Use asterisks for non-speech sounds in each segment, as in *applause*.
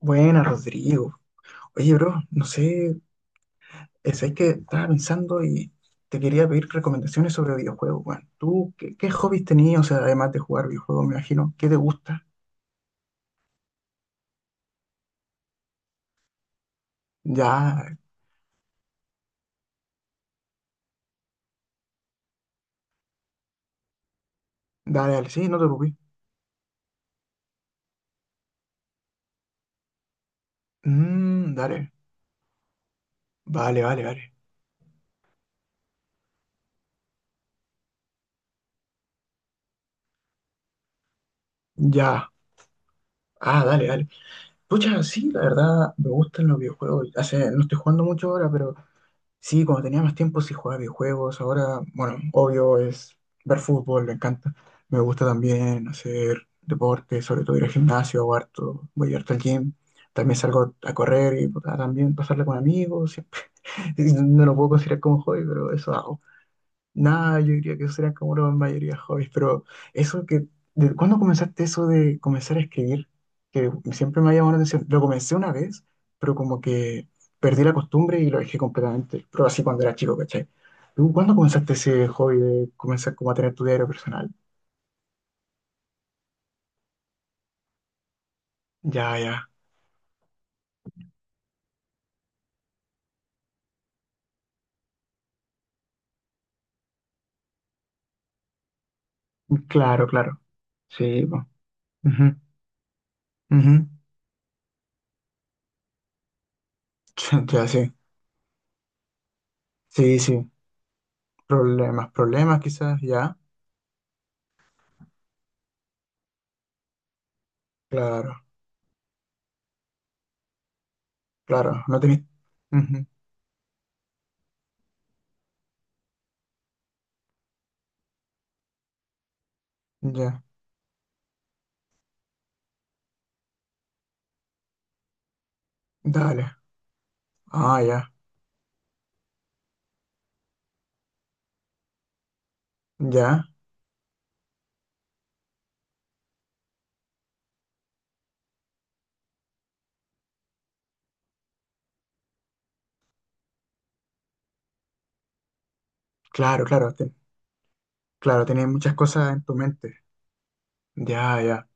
Buena, Rodrigo. Oye, bro, no sé, es ahí que estaba pensando y te quería pedir recomendaciones sobre videojuegos, bueno, ¿tú qué hobbies tenías? O sea, además de jugar videojuegos, me imagino. ¿Qué te gusta? Ya, dale, dale, sí, no te preocupes. Dale, vale, vale, vale. Ya. Ah, dale, dale. Pucha, sí, la verdad, me gustan los videojuegos. No estoy jugando mucho ahora, pero sí, cuando tenía más tiempo sí jugaba videojuegos. Ahora, bueno, obvio es ver fútbol, me encanta. Me gusta también hacer deporte, sobre todo ir al gimnasio, hago harto, voy harto al gym. También salgo a correr y puta, también pasarla con amigos. *laughs* No lo puedo considerar como hobby, pero eso hago. Nada, yo diría que serían como la mayoría hobbies, eso que, ¿de cuándo comenzaste eso de comenzar a escribir? Que siempre me ha llamado la atención. Lo comencé una vez, pero como que perdí la costumbre y lo dejé completamente, pero así cuando era chico, ¿cachai? ¿Tú cuándo comenzaste ese hobby de comenzar como a tener tu diario personal? Ya, ya, claro, claro. Sí, pues. Ujú, ujú. *laughs* Ya, sí, sí, sí. Problemas, problemas quizás, ya. Claro, claro, no tenés. Ujú, ya, dale. Ah, ya, ya. Claro, claro, claro, tenías muchas cosas en tu mente. Ya, ya.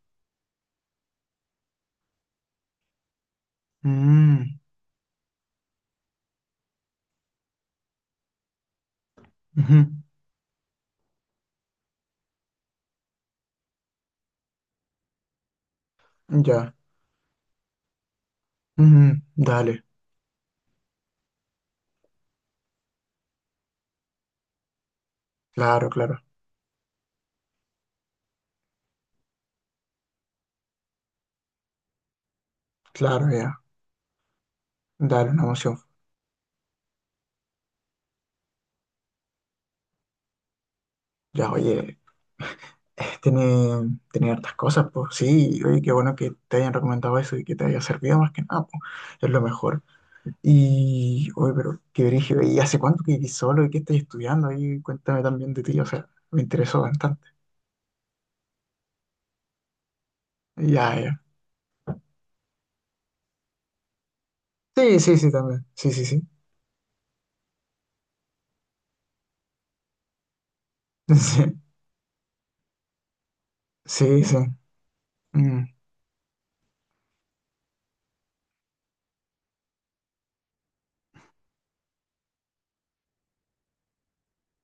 Mm, ujú, ya. Dale, claro, claro, claro, ya. Dale, una emoción. Ya, oye, tiene hartas cosas, pues sí, oye, qué bueno que te hayan recomendado eso y que te haya servido más que nada, pues es lo mejor. Y, oye, pero qué brígido, ¿y hace cuánto que vivís solo y qué estás estudiando? Ahí cuéntame también de ti, o sea, me interesó bastante. Ya, ya. Sí, sí, sí, también. Sí, sí, sí. *laughs* Sí, sí, sí. Mm,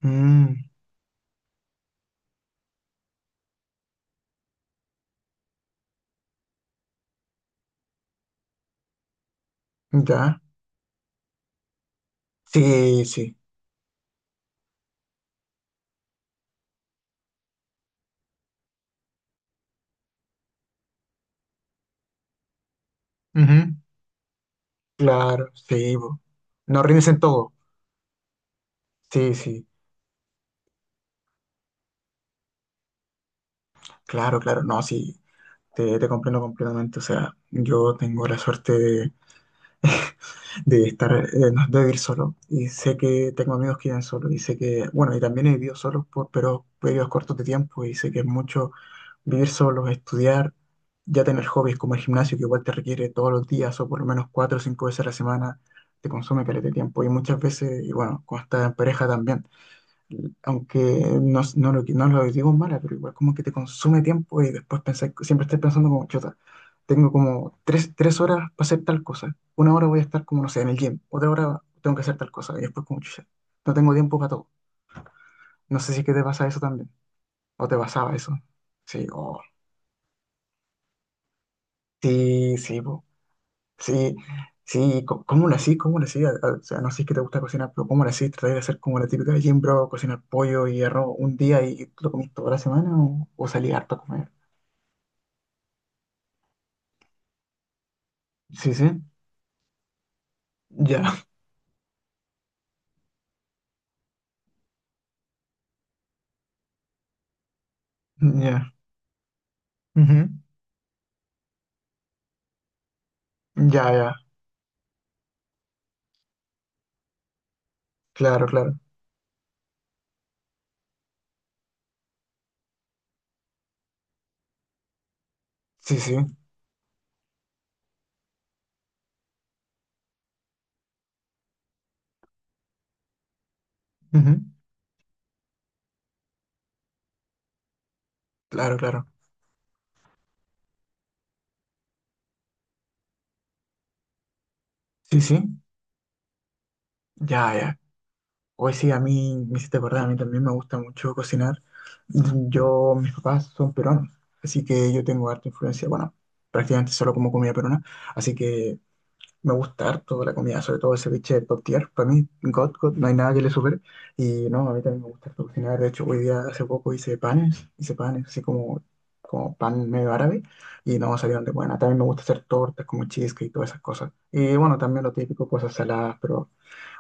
mm, ya. Sí, sí. Ujú, claro, sí. Bo. No rindes en todo. Sí, sí. Claro, claro. No, sí. Te comprendo completamente. O sea, yo tengo la suerte de, de estar, no, de vivir solo. Y sé que tengo amigos que viven solo. Y sé que, bueno, y también he vivido solo por pero periodos cortos de tiempo. Y sé que es mucho vivir solo, estudiar, ya tener hobbies como el gimnasio, que igual te requiere todos los días o por lo menos 4 o 5 veces a la semana, te consume caleta de tiempo. Y muchas veces, y bueno, cuando estás en pareja también aunque no lo digo en mala, pero igual como que te consume tiempo y después pensás, siempre estás pensando como, chuta, tengo como tres horas para hacer tal cosa, 1 hora voy a estar como, no sé, en el gym, otra hora tengo que hacer tal cosa, y después como, chucha, no tengo tiempo para todo. No sé si es que te pasa eso también, o te pasaba eso. Sí, oh, sí, sí, po. Sí, sí, ¿cómo lo hacís? ¿Cómo lo hacís? O sea, no sé qué te gusta cocinar, pero ¿cómo lo hacís? ¿Tratáis de hacer como la típica de Jim Bro, cocinar pollo y arroz un día y lo comís toda la semana o salí harto a comer? Sí, sí, ya, *laughs* ya, ujú, ya, ya, claro, claro, sí, sí, ujú, claro, claro, sí, sí, ya, ya. Hoy sí, a mí me hiciste acordar, a mí también me gusta mucho cocinar. Yo, mis papás son peruanos, así que yo tengo harta influencia, bueno, prácticamente solo como comida peruana, así que. Me gusta harto la comida, sobre todo ese biche top tier. Para mí, God, God, no hay nada que le supere. Y no, a mí también me gusta harto cocinar. De hecho, hoy día, hace poco hice panes, así como pan medio árabe. Y no, salieron de buena. También me gusta hacer tortas como cheesecake y todas esas cosas. Y bueno, también lo típico, cosas saladas, pero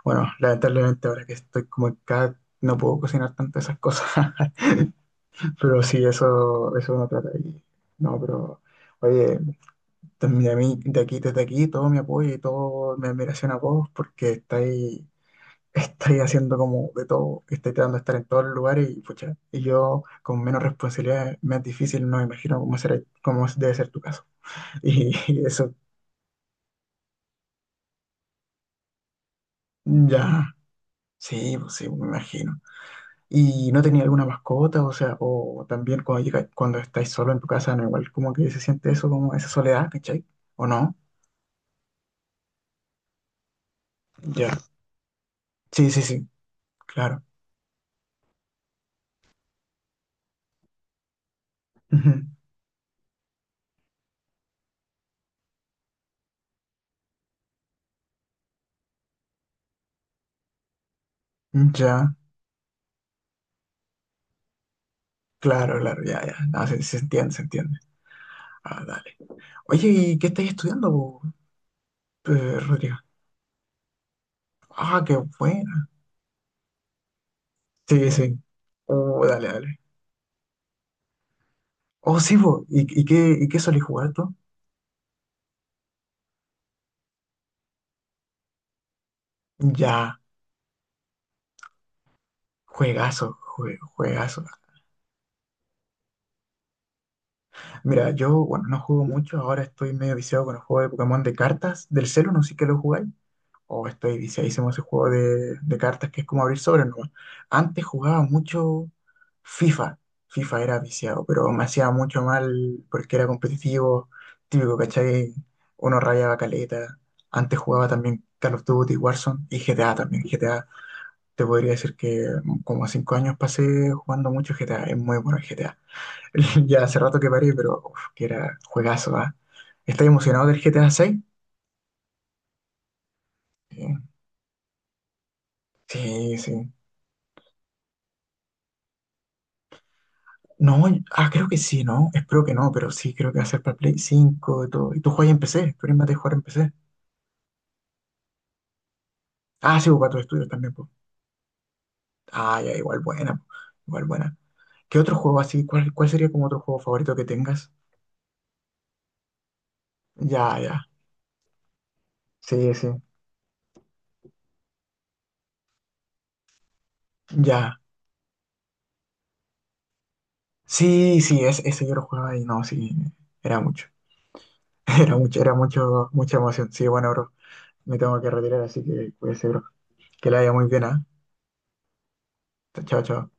bueno, lamentablemente ahora que estoy como en cada. No puedo cocinar tanto esas cosas. *laughs* Pero sí, eso uno trata. Y, no, pero. Oye, también a mí, de aquí, desde aquí, todo mi apoyo y toda mi admiración a vos, porque estáis, *laughs* estáis haciendo como de todo, estáis tratando de estar en todos los lugares y pucha, y yo con menos responsabilidad, más difícil, no me imagino cómo será, cómo debe ser tu caso. *laughs* Y, eso, ya, sí, pues sí, me imagino. ¿Y no tenía alguna mascota? O sea, o también cuando llega, cuando estáis solo en tu casa, no igual como que se siente eso, como esa soledad, ¿cachai? ¿O no? Ya. Sí, sí, sí, claro. Ujú. Ya. Claro, claro, ya, ya. Ah, se entiende, se entiende. Ah, dale. Oye, ¿y qué estáis estudiando, po, Rodrigo? Ah, qué buena. Sí, sí. Oh, dale, dale. Oh, sí, po. ¿Y qué solís jugar tú? Ya, juegazo, juegazo. Mira, yo, bueno, no juego mucho. Ahora estoy medio viciado con el juego de Pokémon de cartas. Del celu, no sé qué lo jugáis. O estoy viciadísimo a ese juego de cartas que es como abrir sobres, ¿no? Antes jugaba mucho FIFA. FIFA era viciado, pero me hacía mucho mal porque era competitivo, típico, ¿cachai? Uno rayaba caleta. Antes jugaba también Call of Duty, Warzone y GTA también. GTA, te podría decir que como 5 años pasé jugando mucho GTA. Es muy bueno el GTA. *laughs* Ya hace rato que paré, pero uf, que era juegazo, ¿ah? ¿Estás emocionado del GTA 6? Sí, sí, sí. No, ah, creo que sí, ¿no? Espero que no, pero sí, creo que va a ser para Play 5 y todo. Y tú juegas en PC, tú eres más de jugar en PC. Ah, sí, pues, para tus estudios también, pues. Ah, ya, igual buena, po, igual buena. ¿Qué otro juego así? ¿Cuál sería como otro juego favorito que tengas? Ya, ya. Sí, sí. Ya. Sí, sí, ese yo lo jugaba y no, sí. Era mucho. *laughs* Era mucho, mucha emoción. Sí, bueno, bro. Me tengo que retirar, así que cuídese, bro. Que la haya muy bien, ¿ah? Chao, chao.